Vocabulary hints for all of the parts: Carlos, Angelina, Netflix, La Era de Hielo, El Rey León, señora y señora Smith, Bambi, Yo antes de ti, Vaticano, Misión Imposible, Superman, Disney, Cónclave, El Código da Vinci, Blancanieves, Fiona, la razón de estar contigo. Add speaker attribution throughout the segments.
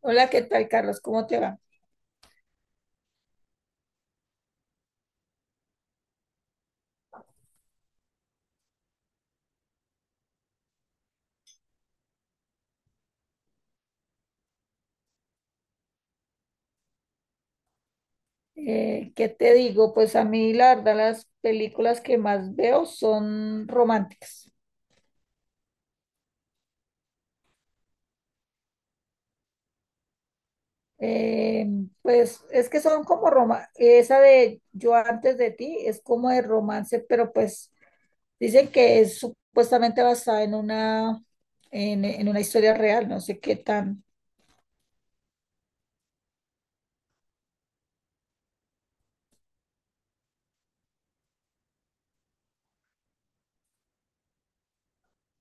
Speaker 1: Hola, ¿qué tal, Carlos? ¿Cómo te va? ¿Qué te digo? Pues a mí, la verdad, las películas que más veo son románticas. Eh, pues es que son como roma, esa de Yo antes de ti es como de romance, pero pues dicen que es supuestamente basada en una historia real, no sé qué tan.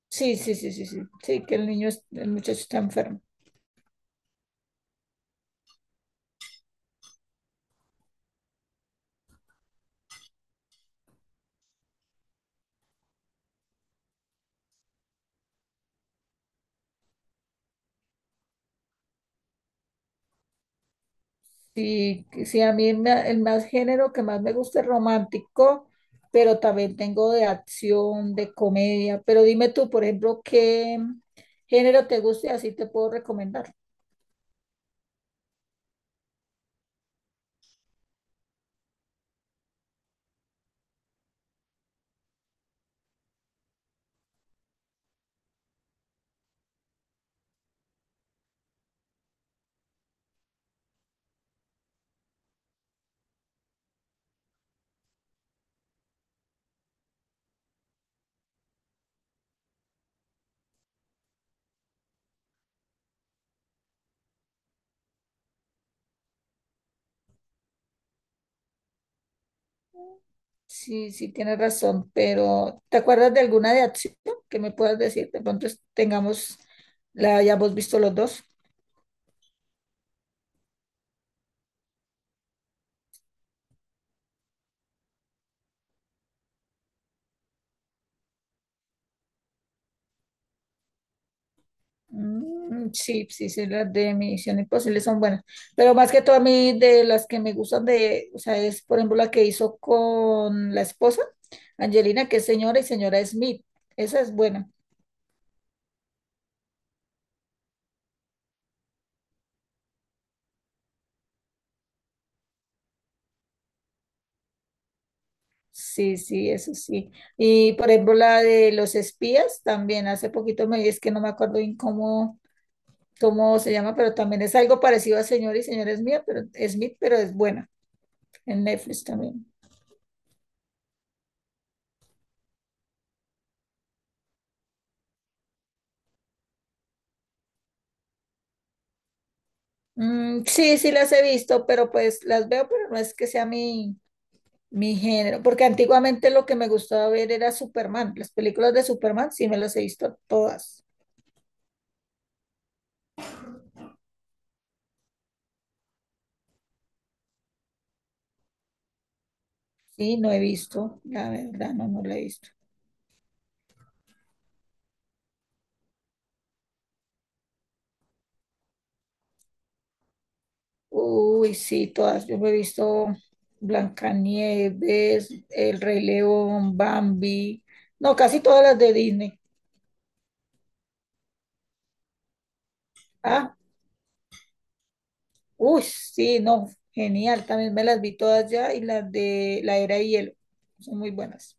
Speaker 1: Sí, sí, sí, sí, sí, sí, que el niño, el muchacho está enfermo. Sí, sí, a mí el más género que más me gusta es romántico, pero también tengo de acción, de comedia. Pero dime tú, por ejemplo, qué género te gusta y así te puedo recomendar. Sí, sí, tienes razón, pero ¿te acuerdas de alguna de acción que me puedas decir? De pronto tengamos, la hayamos visto los dos. Mm, sí, sí, sí, las de Misión Imposible son buenas, pero más que todo a mí de las que me gustan de, o sea, es por ejemplo la que hizo con la esposa, Angelina, que es señora y señora Smith, esa es buena, sí, sí, eso sí, y por ejemplo la de los espías también, hace poquito es que no me acuerdo bien cómo se llama, pero también es algo parecido a señora y señora Smith, pero es buena, en Netflix también. Mm, sí, sí las he visto, pero pues las veo, pero no es que sea mi género, porque antiguamente lo que me gustaba ver era Superman. Las películas de Superman sí me las he visto todas. Sí, no he visto, la verdad, no la he visto. Uy, sí, todas. Yo me he visto Blancanieves, El Rey León, Bambi. No, casi todas las de Disney. Ah, uy, sí, no, genial. También me las vi todas ya y las de La Era de Hielo. Son muy buenas.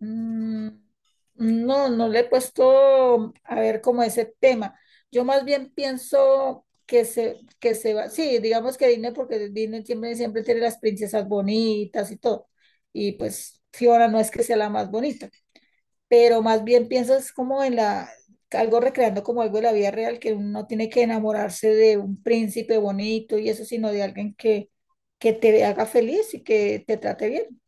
Speaker 1: Mm, No, no le he puesto a ver como ese tema. Yo más bien pienso que se va, sí, digamos que Disney, porque Disney siempre, siempre tiene las princesas bonitas y todo. Y pues Fiona no es que sea la más bonita, pero más bien pienso es como algo recreando como algo de la vida real, que uno no tiene que enamorarse de un príncipe bonito y eso, sino de que te haga feliz y que te trate bien.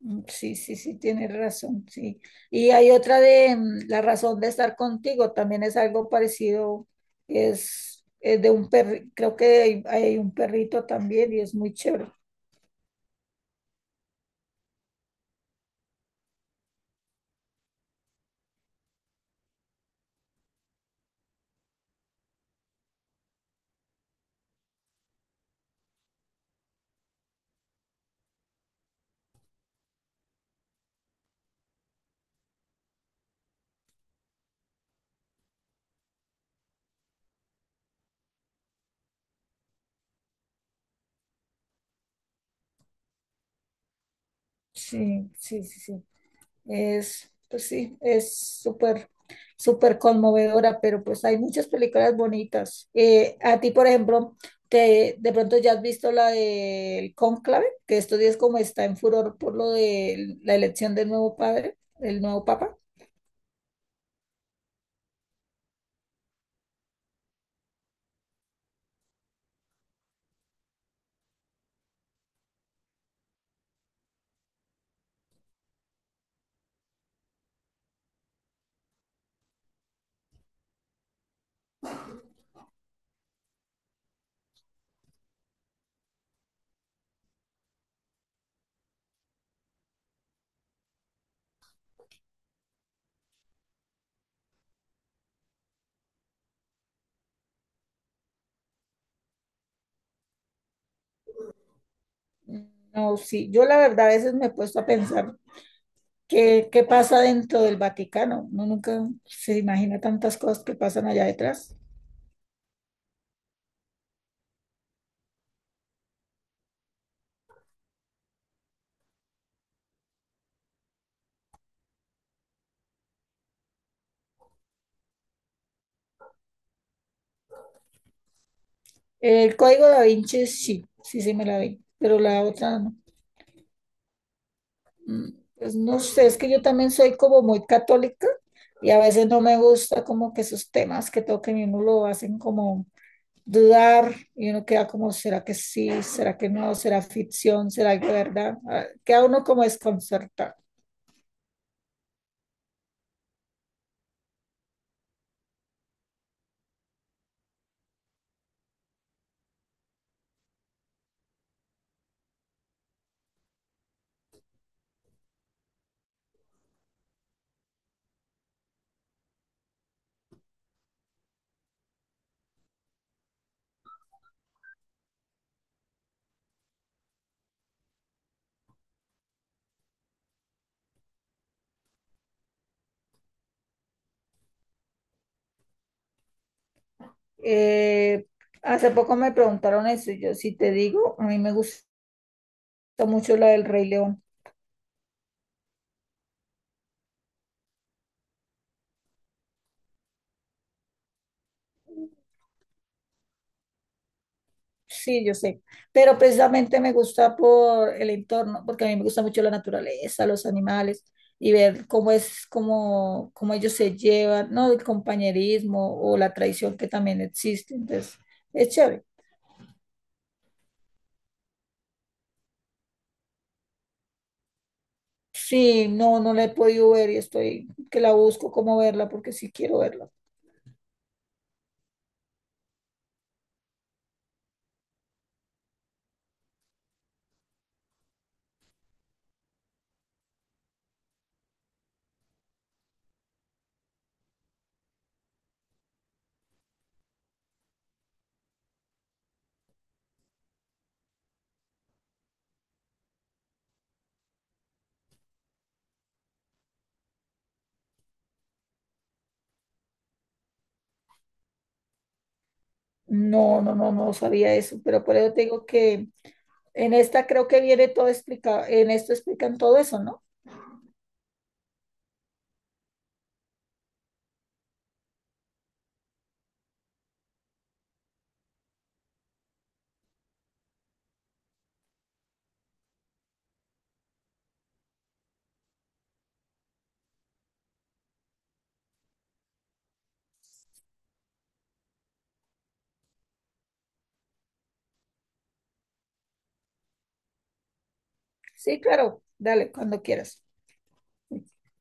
Speaker 1: Mm, sí, sí, sí, tienes razón, sí. Y hay otra de la razón de estar contigo, también es algo parecido, es de un perrito, creo que hay un perrito también y es muy chévere. Sí, sí, sí, sí. Es, pues sí, es súper conmovedora, pero pues hay muchas películas bonitas. A ti, por ejemplo, de pronto ya has visto la del Cónclave, que estos días como está en furor por lo de la elección del nuevo padre, el nuevo papa. No, sí, yo la verdad a veces me he puesto a pensar qué pasa dentro del Vaticano. Uno nunca se imagina tantas cosas que pasan allá detrás. El Código da Vinci sí, sí, sí me la vi, pero la otra no. Mm, pues no sé, es que yo también soy como muy católica y a veces no me gusta como que esos temas que toquen y uno lo hacen como dudar y uno queda como, ¿será que sí? ¿Será que no? ¿Será ficción? ¿Será que verdad? Ah, queda uno como desconcertado. Eh, hace poco me preguntaron eso y yo si te digo, a mí me gusta mucho la del Rey León. Sí, yo sé, pero precisamente me gusta por el entorno, porque a mí me gusta mucho la naturaleza, los animales y ver cómo es, cómo ellos se llevan, ¿no? El compañerismo o la traición que también existe. Entonces, es chévere. Sí, no, no la he podido ver y estoy que la busco cómo verla porque sí quiero verla. No, no, no, no sabía eso, pero por eso te digo que en esta creo que viene todo explicado, en esto explican todo eso, ¿no? Sí, claro, dale, cuando quieras.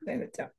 Speaker 1: Bueno, chao.